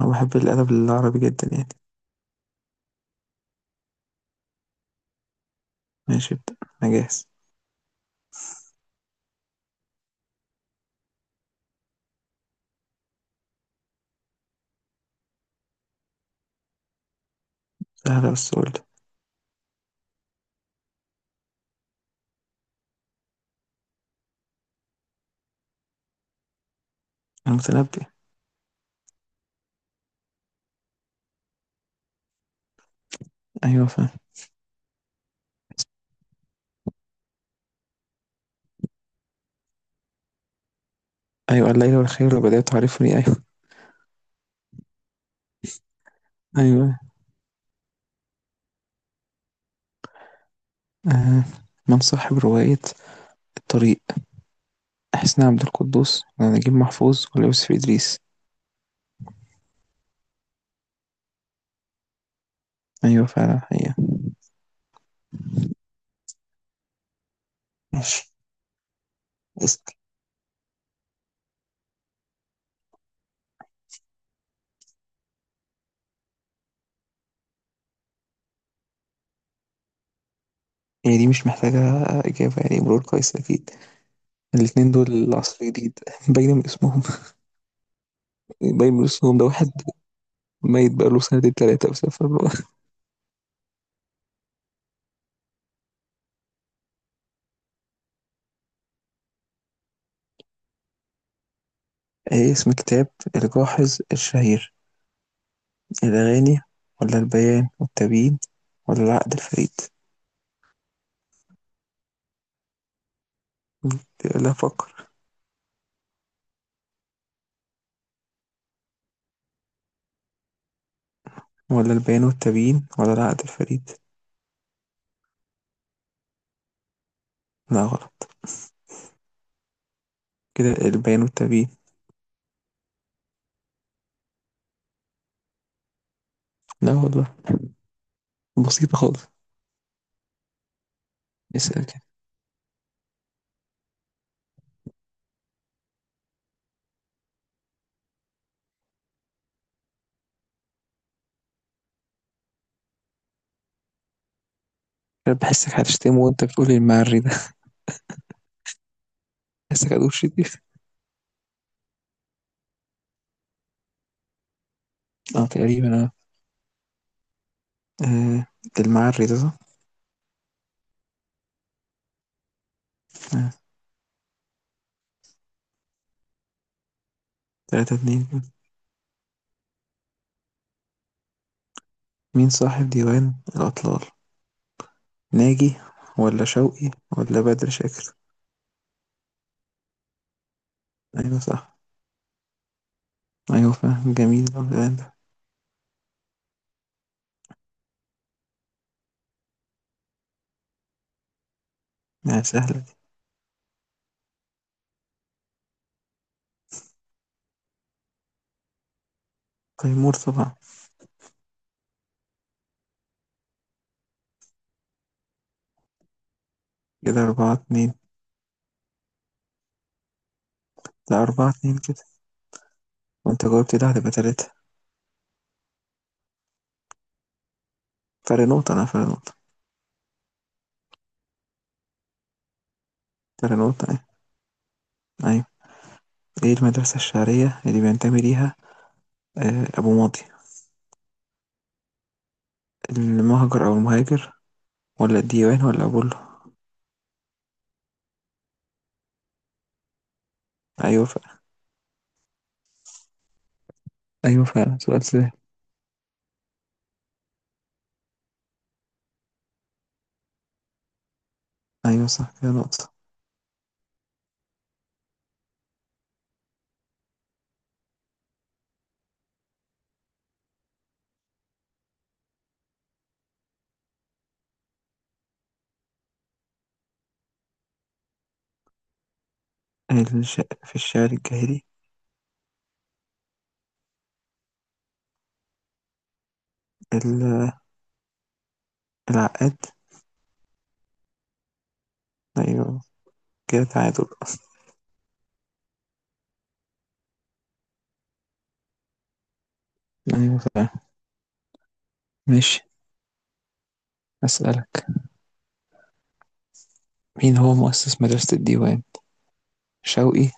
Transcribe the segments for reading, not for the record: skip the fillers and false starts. أنا بحب الأدب العربي جدا يعني. ماشي ابدأ. أنا جاهز. سهلة بس قول لي. المتنبي. أيوة فاهم. أيوة الليل والخير بدأت تعرفني، أيوة أيوة آه. من صاحب رواية الطريق، حسن عبد القدوس ولا نجيب محفوظ ولا يوسف إدريس؟ أيوة فعلا هي. ماشي اسأل. هي دي مش محتاجة إجابة يعني، مرور كويس أكيد. الاتنين دول عصر جديد باين من اسمهم. باين من اسمهم، ده واحد ميت بقاله سنتين تلاتة بسبب. إيه اسم كتاب الجاحظ الشهير؟ الأغاني ولا البيان والتبيين ولا العقد الفريد؟ لا فكر. ولا البيان والتبيين ولا العقد الفريد. لا غلط. كده البيان والتبيين. لا والله. بسيطة خالص. اسأل كده. أنا بحسك هتشتمه وانت بتقول المعري ده بحسك هتقول شريف. اه تقريبا اه. آه، المعري ده صح؟ آه. تلاتة اتنين كده. مين صاحب ديوان الأطلال؟ ناجي ولا شوقي ولا بدر شاكر؟ أيوة صح. أيوة فاهم، جميل الديوان ده. يعني سهلة دي. تيمور طبعا. كده أربعة اتنين. لا أربعة اتنين كده. وأنت جاوبت ده هتبقى تلاتة. فرق نقطة، أنا فرق نقطة. فرق نقطة أيوة أيوة. إيه المدرسة الشعرية اللي بينتمي ليها آه أبو ماضي؟ المهجر أو المهاجر، ولا الديوان ولا أبولو؟ أيوة ف... أيوة فعلا، سؤال سهل. أيوة صح كده نقطة. الش... في الشعر الجاهلي. ال... العقاد. أيوة كده تعادل. أيوة فعلا. ماشي. أسألك. مين هو مؤسس مدرسة الديوان؟ شوقي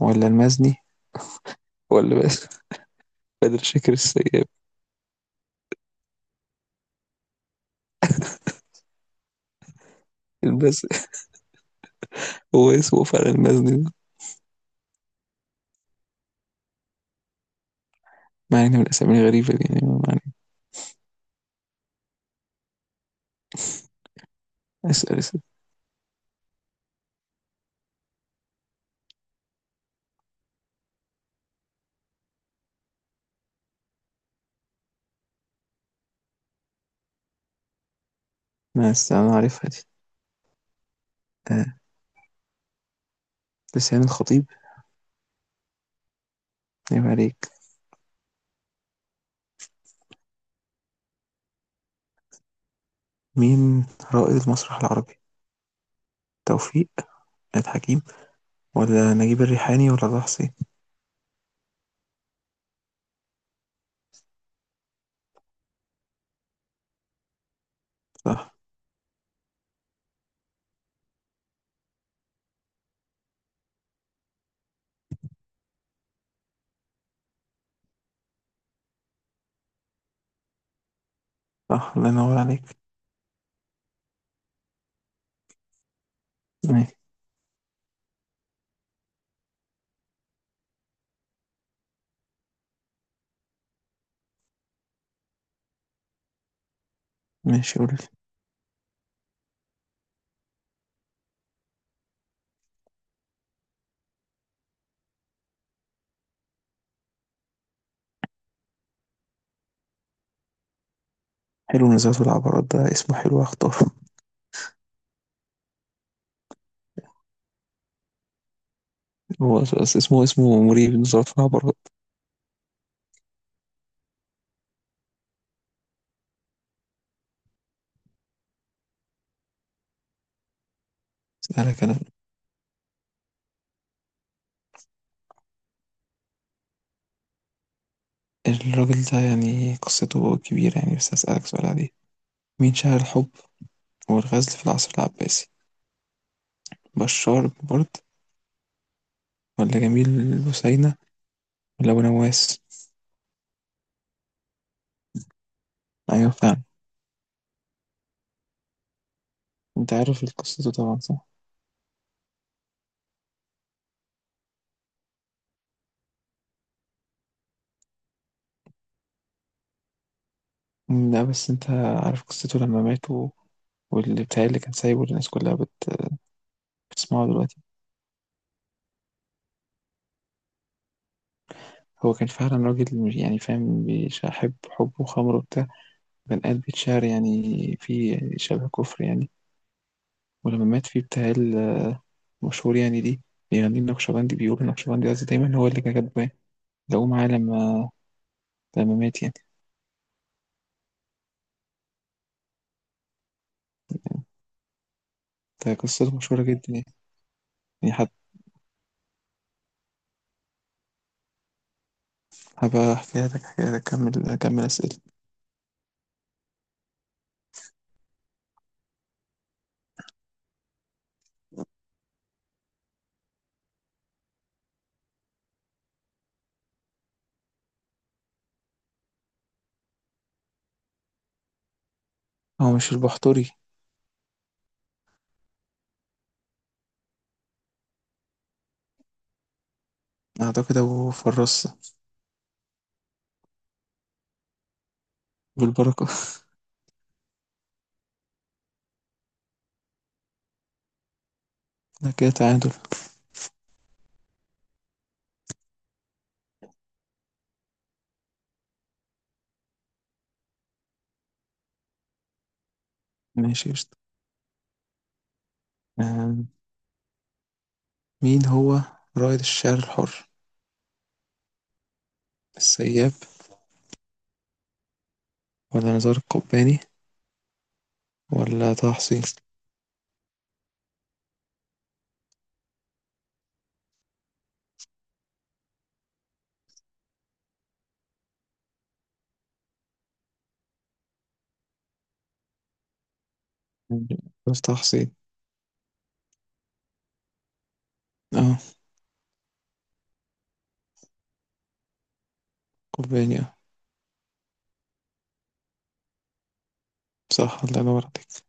ولا المزني ولا بس بدر شاكر السيد. البس. هو اسمه فعلا المزني ده. مع ان من الاسامي الغريبه دي يعني، ما علينا. اسال اسال. ما أس- انا عارفها دي. آه. لسان الخطيب. عيب عليك. مين رائد المسرح العربي؟ توفيق مدحت حكيم، ولا نجيب الريحاني ولا طه حسين؟ صح صح، الله ينور عليك. ماشي ماشي قول. حلو، نزلات العبارات ده اسمه حلو، اختاره. اسمه اسمه مريب نزلات العبارات. اسألك أنا. الراجل ده يعني قصته كبيرة يعني، بس هسألك سؤال عليه. مين شاعر الحب والغزل في العصر العباسي؟ بشار برضه ولا جميل بوسينة ولا أبو نواس؟ أيوة فعلا. أنت عارف قصته طبعا صح؟ مم، لا بس أنت عارف قصته لما مات واللي بتاع اللي كان سايبه الناس كلها بت... بتسمعه دلوقتي. هو كان فعلا راجل يعني فاهم، بيحب حب وخمر وبتاع، بنقاد بيتشعر يعني، في شبه كفر يعني. ولما مات في بتاع المشهور يعني دي، بيغني النقشبندي، بيقول النقشبندي قصدي، دايما هو اللي كان كاتباه، لقوه معاه لما مات يعني. ده قصته مشهورة جدا يعني يعني. هبقى احكي لك حكاية، اكمل اكمل اسئله. هو مش البحتري. اعتقد ابو فرصة. بالبركه. ده كده تعادل. ماشي قشطة. آم، مين هو رائد الشعر الحر؟ السياب ولا نزار القباني ولا طه حسين؟ عارف طه حسين اه. قباني اه. صح الله ينور عليك.